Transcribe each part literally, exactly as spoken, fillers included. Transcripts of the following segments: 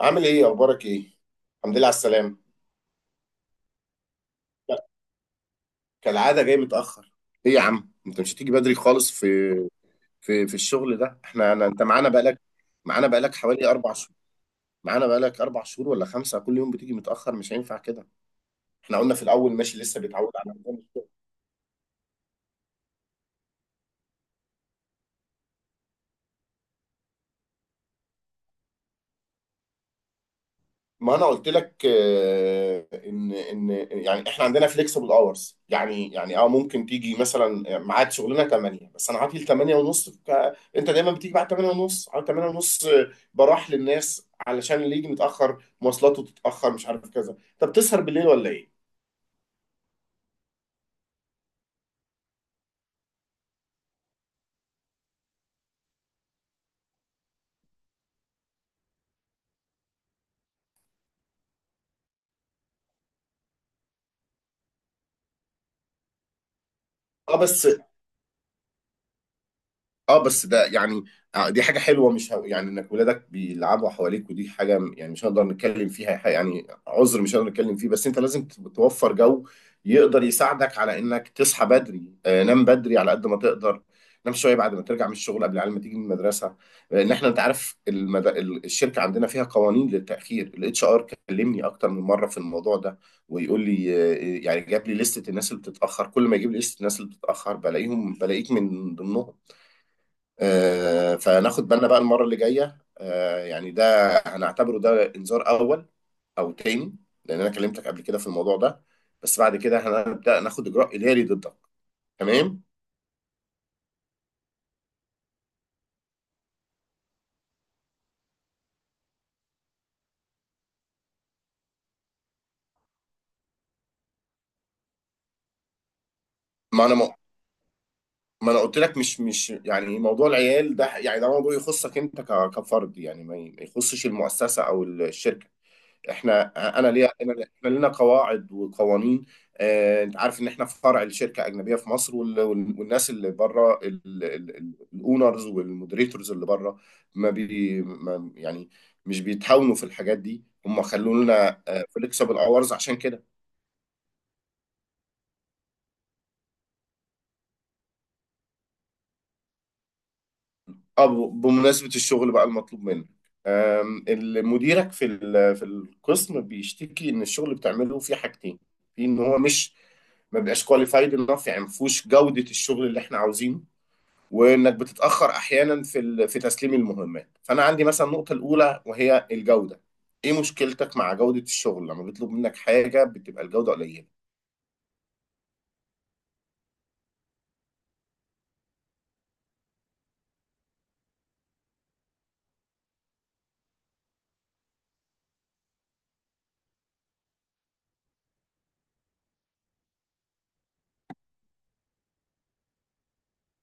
عامل ايه اخبارك ايه؟ الحمد لله على السلامه. لا، كالعاده جاي متاخر. ايه يا عم انت مش هتيجي بدري خالص؟ في في في الشغل ده احنا أنا انت معانا بقالك، معانا بقالك حوالي اربع شهور، معانا بقالك اربع شهور ولا خمسه، كل يوم بتيجي متاخر، مش هينفع كده. احنا قلنا في الاول ماشي لسه بيتعود على الموضوع. ما انا قلت لك آه، ان ان يعني احنا عندنا فليكسبل اورز، يعني يعني اه ممكن تيجي مثلا، ميعاد شغلنا ثمانية بس انا عاطل ثمانية ونص، ك... انت دايما بتيجي بعد ثمانية ونص، على ثمانية ونص آه، براح للناس علشان اللي يجي متاخر مواصلاته تتاخر مش عارف كذا. طب تسهر بالليل ولا ايه؟ اه بس، اه بس ده يعني آه، دي حاجة حلوة، مش ه... يعني انك ولادك بيلعبوا حواليك، ودي حاجة م- يعني مش هنقدر نتكلم فيها، ح- يعني عذر مش هنقدر نتكلم فيه. بس انت لازم ت- توفر جو يقدر يساعدك على انك تصحى بدري. آه، نام بدري على قد ما تقدر، نام شوية بعد ما ترجع من الشغل قبل العيال ما تيجي من المدرسة. لان احنا انت عارف المد... ال- الشركة عندنا فيها قوانين للتأخير. الاتش ار كلمني اكتر من مرة في الموضوع ده، ويقول لي آه، يعني جاب لي لستة الناس اللي بتتأخر، كل ما يجيب لي لستة الناس اللي بتتأخر بلاقيهم، بلاقيك من ضمنهم. آه، فناخد بالنا بقى. المرة اللي جاية آه، يعني ده هنعتبره ده إنذار أول أو تاني، لأن أنا كلمتك قبل كده في الموضوع ده، بس بعد كده هنبدأ ناخد إجراء إداري ضدك، تمام؟ ما أنا م... ما أنا قلت لك مش مش يعني موضوع العيال ده، يعني ده موضوع يخصك أنت ك... كفرد، يعني ما ي- ما يخصش المؤسسة أو الشركة. احنا انا ليا انا احنا لنا قواعد وقوانين. آه، انت عارف ان احنا فرع لشركه اجنبيه في مصر، وال- وال- والناس اللي بره، الاونرز والمودريتورز اللي بره ما بي ما يعني مش بيتهاونوا في الحاجات دي. هم خلوا لنا فليكسبل اورز عشان كده. اه، ب- بمناسبة الشغل بقى المطلوب منك، آم، اللي مديرك في ال- في القسم بيشتكي ان الشغل اللي بتعمله فيه حاجتين. في ان هو مش ما بيبقاش كواليفايد انف، يعني ما فيهوش جودة الشغل اللي احنا عاوزينه، وانك بتتأخر احيانا في ال... في تسليم المهمات. فانا عندي مثلا النقطة الاولى وهي الجودة. ايه مشكلتك مع جودة الشغل؟ لما بيطلب منك حاجة بتبقى الجودة قليلة.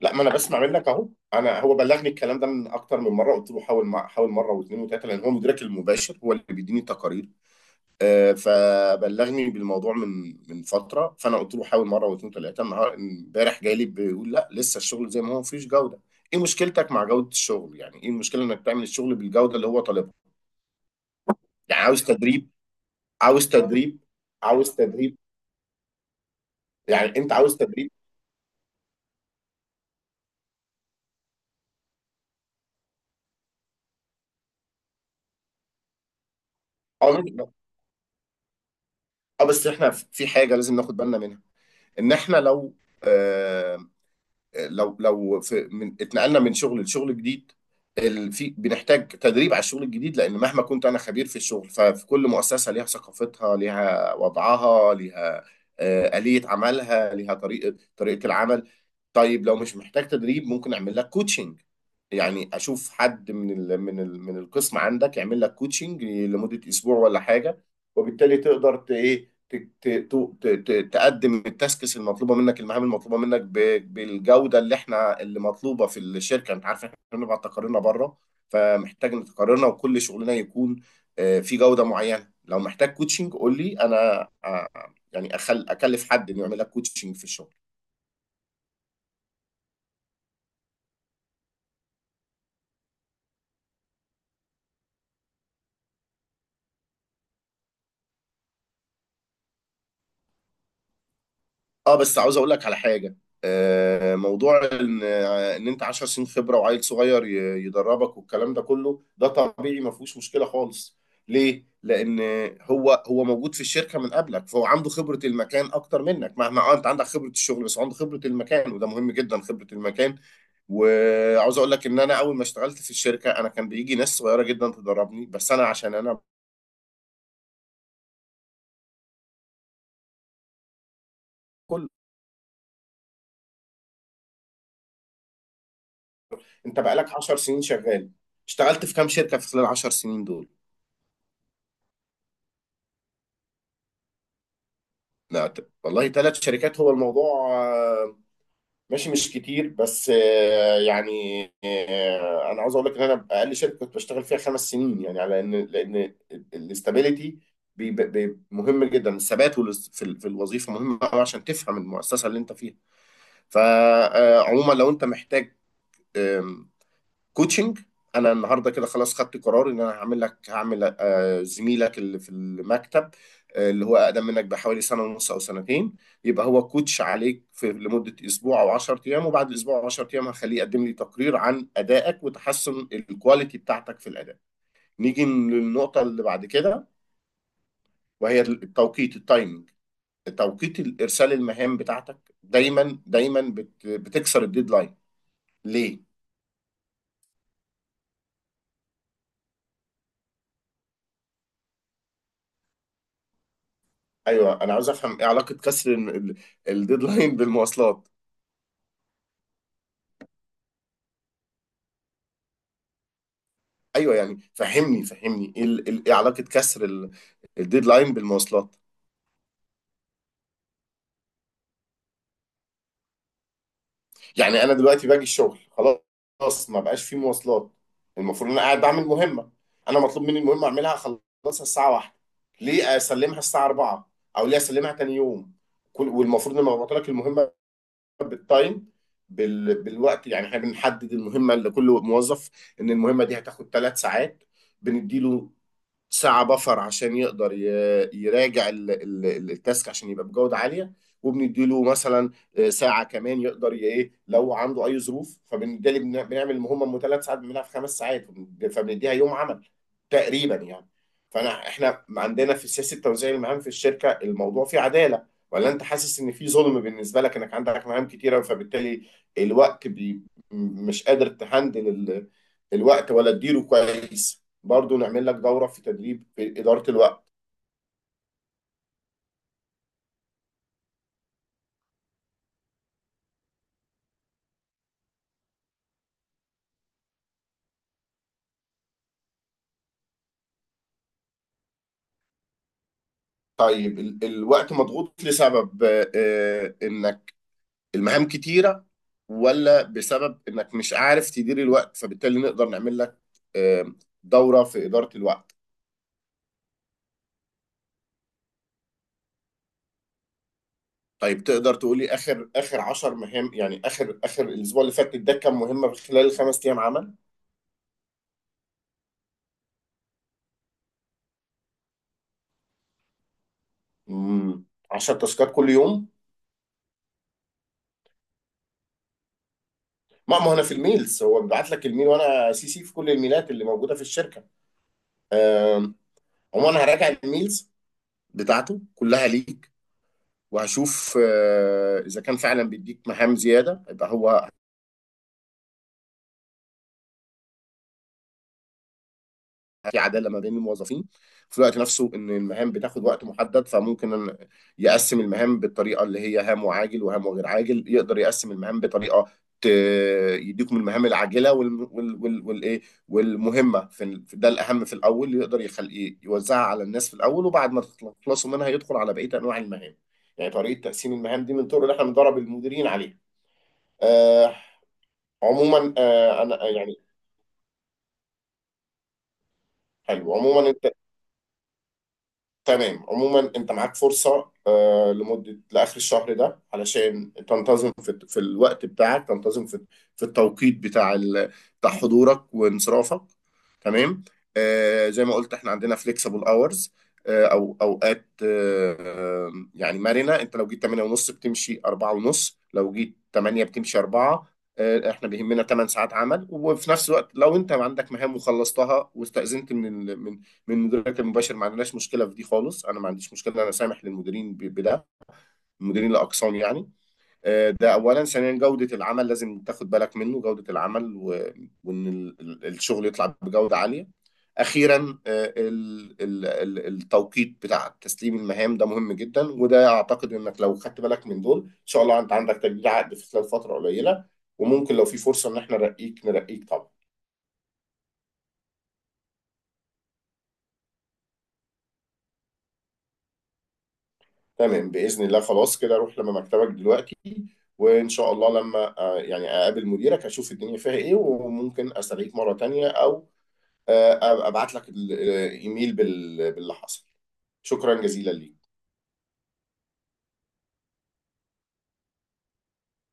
لا ما انا بسمع منك اهو. انا هو بلغني الكلام ده من اكتر من مره، قلت له حاول، مع حاول مره واثنين وثلاثه، لان هو مديرك المباشر، هو اللي بيديني التقارير. آه، فبلغني بالموضوع من من فتره، فانا قلت له حاول مره واثنين وثلاثه. النهار- امبارح جالي بيقول لا، لسه الشغل زي ما هو، مفيش جوده. ايه مشكلتك مع جوده الشغل؟ يعني ايه المشكله انك تعمل الشغل بالجوده اللي هو طالبها؟ يعني عاوز تدريب؟ عاوز تدريب؟ عاوز تدريب؟ يعني انت عاوز تدريب؟ اه. اه بس احنا في حاجه لازم ناخد بالنا منها، ان احنا لو آه، لو لو في، من اتنقلنا من شغل لشغل جديد، ال- في بنحتاج تدريب على الشغل الجديد، لان مهما كنت انا خبير في الشغل، ففي كل مؤسسه ليها ثقافتها، ليها وضعها، ليها آه، آلية عملها، ليها طريقه طريقه العمل. طيب لو مش محتاج تدريب ممكن اعمل لك كوتشنج، يعني اشوف حد من ال من ال من القسم عندك يعمل لك كوتشنج لمده اسبوع ولا حاجه، وبالتالي تقدر ت- ايه ت- ت- ت- ت- تقدم التاسكس المطلوبه منك، المهام المطلوبه منك ب- بالجوده اللي احنا اللي مطلوبه في الشركه. انت عارف احنا بنبعت تقاريرنا بره، فمحتاج ان تقاريرنا وكل شغلنا يكون آه، في جوده معينه. لو محتاج كوتشنج قول لي انا، آه، يعني أخل- اكلف حد انه يعمل لك كوتشنج في الشغل. اه بس عاوز اقول لك على حاجه. آه، موضوع ان آه، ان انت عشر سنين خبره وعيل صغير ي- يدربك والكلام ده كله، ده طبيعي، ما فيهوش مشكله خالص. ليه؟ لان هو هو موجود في الشركه من قبلك، فهو عنده خبره المكان اكتر منك. مهما اه انت عندك خبره الشغل، بس عنده خبره المكان، وده مهم جدا خبره المكان. وعاوز اقول لك ان انا اول ما اشتغلت في الشركه، انا كان بيجي ناس صغيره جدا تدربني، بس انا عشان انا. كل انت بقالك عشر سنين شغال، اشتغلت في كام شركه في خلال عشر سنين دول؟ لا ت- والله ثلاث شركات هو الموضوع. آه، ماشي مش كتير، بس آه، يعني آه، انا عاوز اقول لك ان انا اقل شركه كنت بشتغل فيها خمس سنين، يعني على ان، لان الاستابيليتي بي- بي- مهم جدا. الثبات والاست- في ال- في الوظيفه مهم قوي عشان تفهم المؤسسه اللي انت فيها. فعموما لو انت محتاج كوتشنج، انا النهارده كده خلاص خدت قرار ان انا هعمل لك، هعمل آه، زميلك اللي في المكتب آه، اللي هو اقدم منك بحوالي سنه ونص او سنتين يبقى هو كوتش عليك في لمده اسبوع او عشر ايام، وبعد اسبوع او عشرة ايام هخليه يقدم لي تقرير عن ادائك وتحسن الكواليتي بتاعتك في الاداء. نيجي للنقطه اللي بعد كده، وهي التوقيت، التايمنج، توقيت الارسال. المهام بتاعتك دايما دايما بت- بتكسر الديدلاين، ليه؟ ايوه، انا عاوز افهم ايه علاقه كسر ال- الديدلاين بالمواصلات. ايوه يعني، فهمني فهمني ايه ال- إيه ال- ايه علاقه كسر ال- الديدلاين بالمواصلات. يعني انا دلوقتي باجي الشغل، خلاص ما بقاش في مواصلات، المفروض ان انا قاعد بعمل مهمه، انا مطلوب مني المهمه اعملها اخلصها الساعه واحدة، ليه اسلمها الساعه اربعة او ليه اسلمها تاني يوم؟ كل والمفروض ان انا ببعت لك المهمه بالتايم، بال... بالوقت. يعني احنا بنحدد المهمه لكل موظف ان المهمه دي هتاخد ثلاث ساعات، بنديله ساعة بفر عشان يقدر ي- يراجع ال- ال- ال- التاسك عشان يبقى بجودة عالية، وبنديله مثلا آه، ساعة كمان يقدر ي- ايه لو عنده أي ظروف. فبالتالي بن- بنعمل المهمة من ثلاث ساعات بنعملها في خمس ساعات وبن- فبنديها يوم عمل تقريبا يعني. فانا احنا عندنا في سياسه توزيع المهام في الشركه، الموضوع فيه عداله، ولا انت حاسس ان في ظلم بالنسبه لك انك عندك مهام كتيره؟ فبالتالي الوقت بي م- مش قادر تهندل ال- الوقت ولا تديره كويس؟ برضو نعمل لك دوره في تدريب في اداره الوقت. طيب ال- الوقت مضغوط لسبب آه، انك المهام كتيره، ولا بسبب انك مش عارف تدير الوقت؟ فبالتالي نقدر نعمل لك آه، دورة في إدارة الوقت. طيب تقدر تقولي اخر اخر عشر مهام، يعني اخر اخر الاسبوع اللي فات ده كام مهمه في خلال الخمس ايام عمل؟ امم عشر تاسكات كل يوم. ما ما هو انا في الميلز هو بيبعت لك الميل، وانا سي سي في كل الميلات اللي موجوده في الشركه. آم، عموما هراجع الميلز بتاعته كلها ليك، وهشوف آه، اذا كان فعلا بيديك مهام زياده، يبقى هو في عداله ما بين الموظفين. في الوقت نفسه ان المهام بتاخد وقت محدد، فممكن أن يقسم المهام بالطريقه اللي هي هام وعاجل وهام وغير عاجل. يقدر يقسم المهام بطريقه ت- يديكم المهام العاجله وال وال وال والايه، والمهمه في ال- في- ده الاهم في الاول، يقدر يخلي يوزعها على الناس في الاول، وبعد ما تخلصوا منها يدخل على بقيه انواع المهام. يعني طريقه تقسيم المهام دي من الطرق اللي احنا بندرب المديرين عليها. آه. عموما آه انا يعني حلو عموما تمام. عموما انت معاك فرصة آه، لمدة لآخر الشهر ده علشان تنتظم في, في الوقت بتاعك، تنتظم في, في التوقيت بتاع ال... بتاع حضورك وانصرافك، تمام؟ آه، زي ما قلت احنا عندنا flexible hours، آه، او اوقات آه، يعني مرنة. انت لو جيت ثمانية ونص بتمشي اربعة ونص، لو جيت ثمانية بتمشي اربعة. آه، احنا بيهمنا ثمانية ساعات عمل. وفي نفس الوقت لو انت عندك مهام وخلصتها واستأذنت من ال... من من مديرك المباشر، ما عندناش مشكله في دي خالص. انا ما عنديش مشكله، انا سامح للمديرين ب- بده، المديرين الاقسام يعني. آه، ده اولا. ثانيا جوده العمل لازم تاخد بالك منه، جوده العمل و- وان ال- ال- الشغل يطلع بجوده عاليه. اخيرا آه، ال- ال- ال- التوقيت بتاع تسليم المهام ده مهم جدا. وده اعتقد انك لو خدت بالك من دول ان شاء الله انت عندك تجديد عقد في خلال فتره قليله، وممكن لو في فرصه ان احنا نرقيك، نرقيك طبعا. تمام؟ بإذن الله. خلاص كده روح لما مكتبك دلوقتي، وإن شاء الله لما آه، يعني أقابل مديرك أشوف الدنيا فيها إيه، وممكن أسأليك مرة تانية، أو آه، أبعت لك الإيميل بال- باللي حصل. شكرا جزيلا ليك.